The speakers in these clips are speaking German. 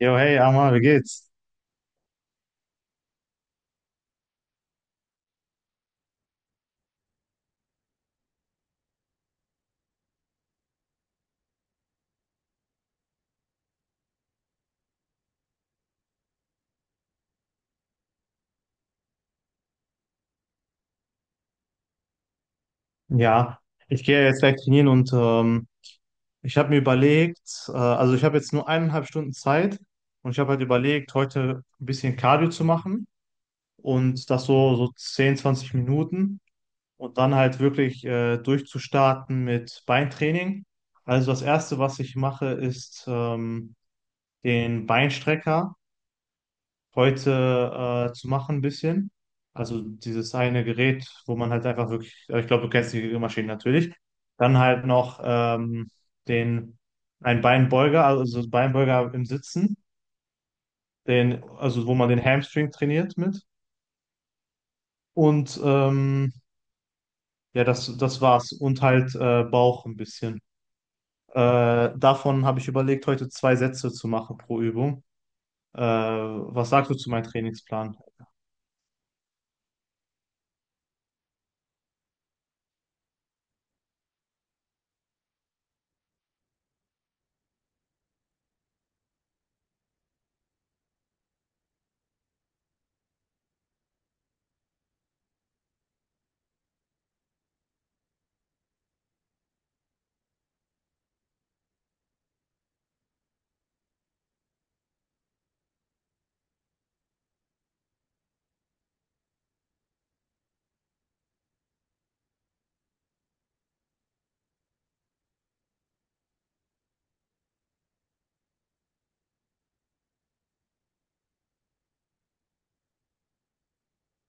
Jo, hey, Amar, wie geht's? Ja, ich gehe jetzt gleich trainieren und ich habe mir überlegt, also ich habe jetzt nur eineinhalb Stunden Zeit und ich habe halt überlegt, heute ein bisschen Cardio zu machen, und das so 10, 20 Minuten, und dann halt wirklich durchzustarten mit Beintraining. Also das Erste, was ich mache, ist den Beinstrecker, heute zu machen, ein bisschen. Also dieses eine Gerät, wo man halt einfach wirklich, ich glaube, du kennst die Maschine natürlich. Dann halt noch den, ein Beinbeuger, also so Beinbeuger im Sitzen, den, also wo man den Hamstring trainiert mit. Und ja, das war's. Und halt Bauch ein bisschen. Davon habe ich überlegt, heute zwei Sätze zu machen pro Übung. Was sagst du zu meinem Trainingsplan?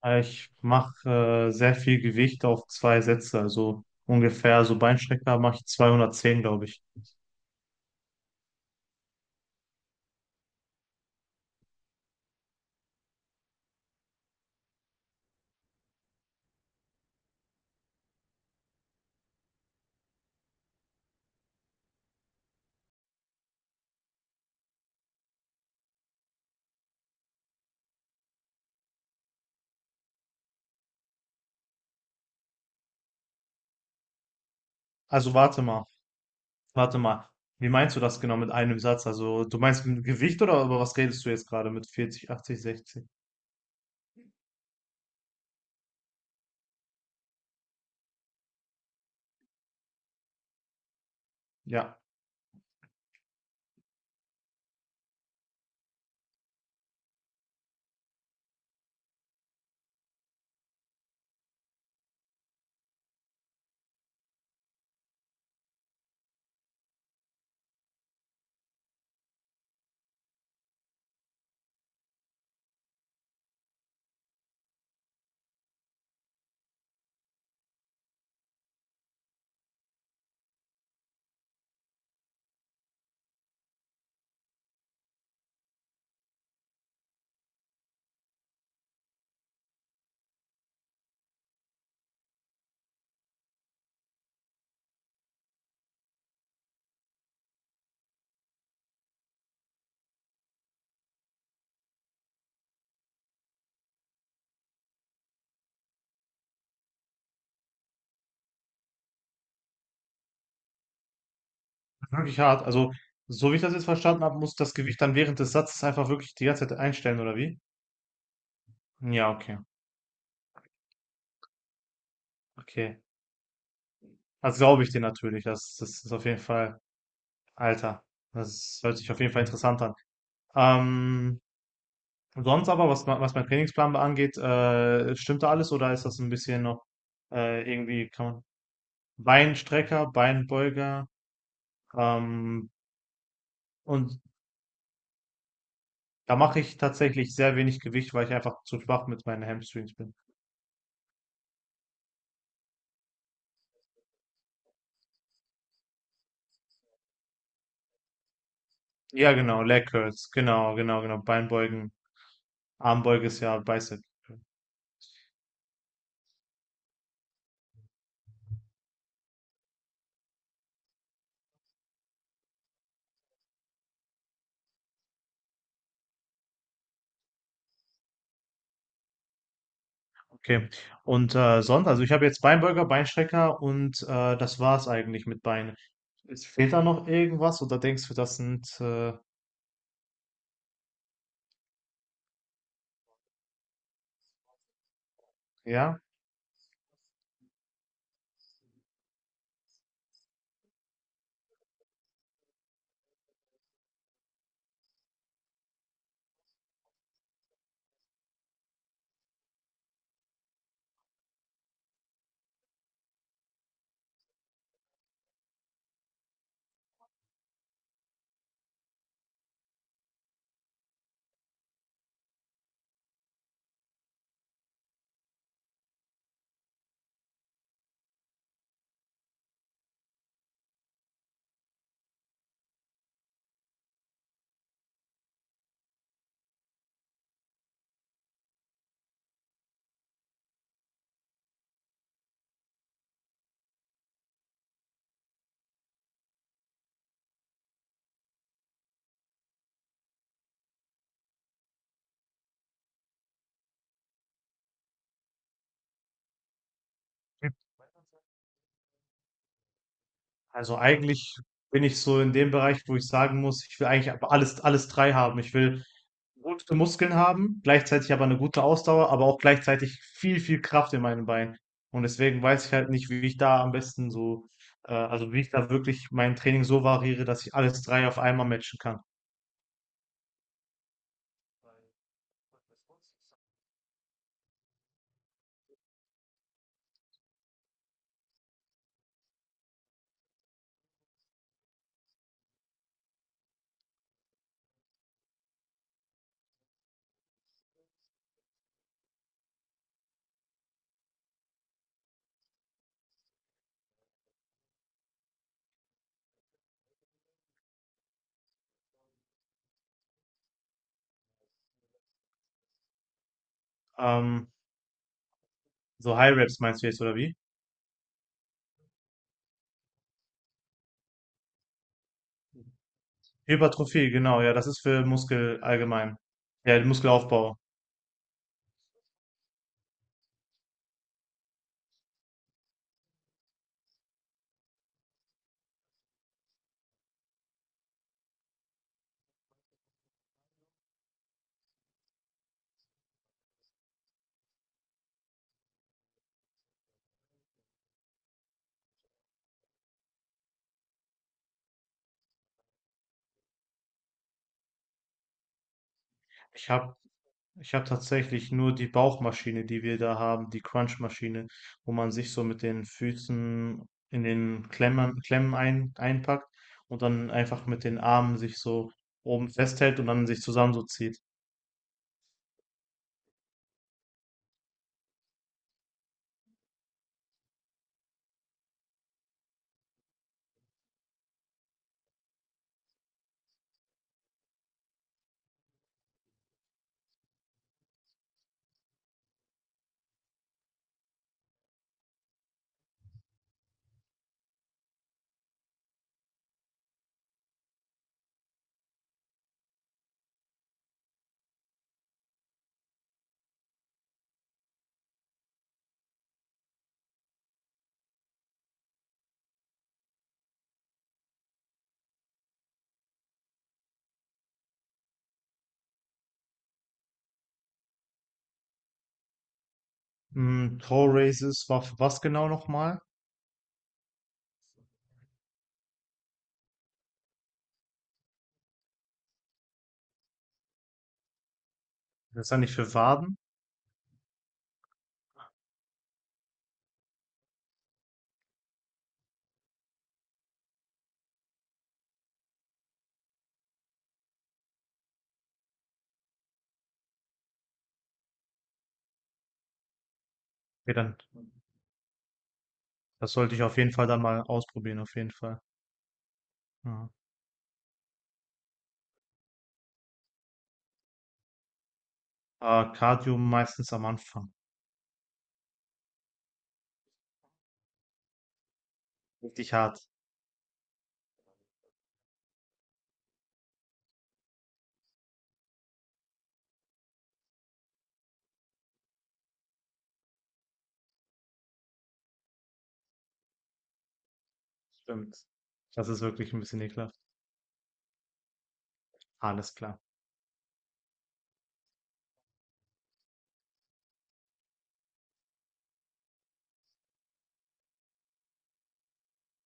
Ich mache sehr viel Gewicht auf zwei Sätze, also ungefähr, so Beinstrecker mache ich 210, glaube ich. Also warte mal, warte mal. Wie meinst du das genau mit einem Satz? Also du meinst mit Gewicht, oder über was redest du jetzt gerade mit 40, 80, 60? Ja, wirklich hart. Also so wie ich das jetzt verstanden habe, muss das Gewicht dann während des Satzes einfach wirklich die ganze Zeit einstellen, oder wie? Ja, okay, okay. Das glaube ich dir natürlich. Das ist auf jeden Fall, Alter, das hört sich auf jeden Fall interessant an. Ähm, Und sonst aber, was mein Trainingsplan angeht, stimmt da alles, oder ist das ein bisschen noch irgendwie kann man. Beinstrecker, Beinbeuger, ähm, und da mache ich tatsächlich sehr wenig Gewicht, weil ich einfach zu schwach mit meinen Hamstrings bin. Ja, genau, Leg Curls, genau, genau, genau, Beinbeugen, Armbeuge ist ja Bicep. Okay. Und sonst, also ich habe jetzt Beinbeuger, Beinstrecker, und das war's eigentlich mit Beinen. Es fehlt da noch irgendwas, oder denkst du, das sind ja? Also eigentlich bin ich so in dem Bereich, wo ich sagen muss, ich will eigentlich aber alles drei haben. Ich will gute Muskeln haben, gleichzeitig aber eine gute Ausdauer, aber auch gleichzeitig viel, viel Kraft in meinen Beinen. Und deswegen weiß ich halt nicht, wie ich da am besten so, also wie ich da wirklich mein Training so variiere, dass ich alles drei auf einmal matchen kann. Ähm, so High Reps meinst du jetzt, oder wie? Hypertrophie, genau, ja, das ist für Muskel allgemein. Ja, Muskelaufbau. Ich habe Ich habe tatsächlich nur die Bauchmaschine, die wir da haben, die Crunchmaschine, wo man sich so mit den Füßen in den Klemmen einpackt und dann einfach mit den Armen sich so oben festhält und dann sich zusammen so zieht. Toe Raises war für was genau nochmal? Das ist ja nicht für Waden? Okay, dann, das sollte ich auf jeden Fall dann mal ausprobieren, auf jeden Fall. Ja. Aber Cardio meistens am Anfang. Richtig hart. Stimmt. Das ist wirklich ein bisschen ekelhaft. Alles klar.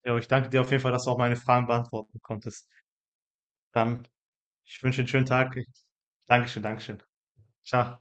Jo, ich danke dir auf jeden Fall, dass du auch meine Fragen beantworten konntest. Dann, ich wünsche dir einen schönen Tag. Dankeschön, Dankeschön. Ciao.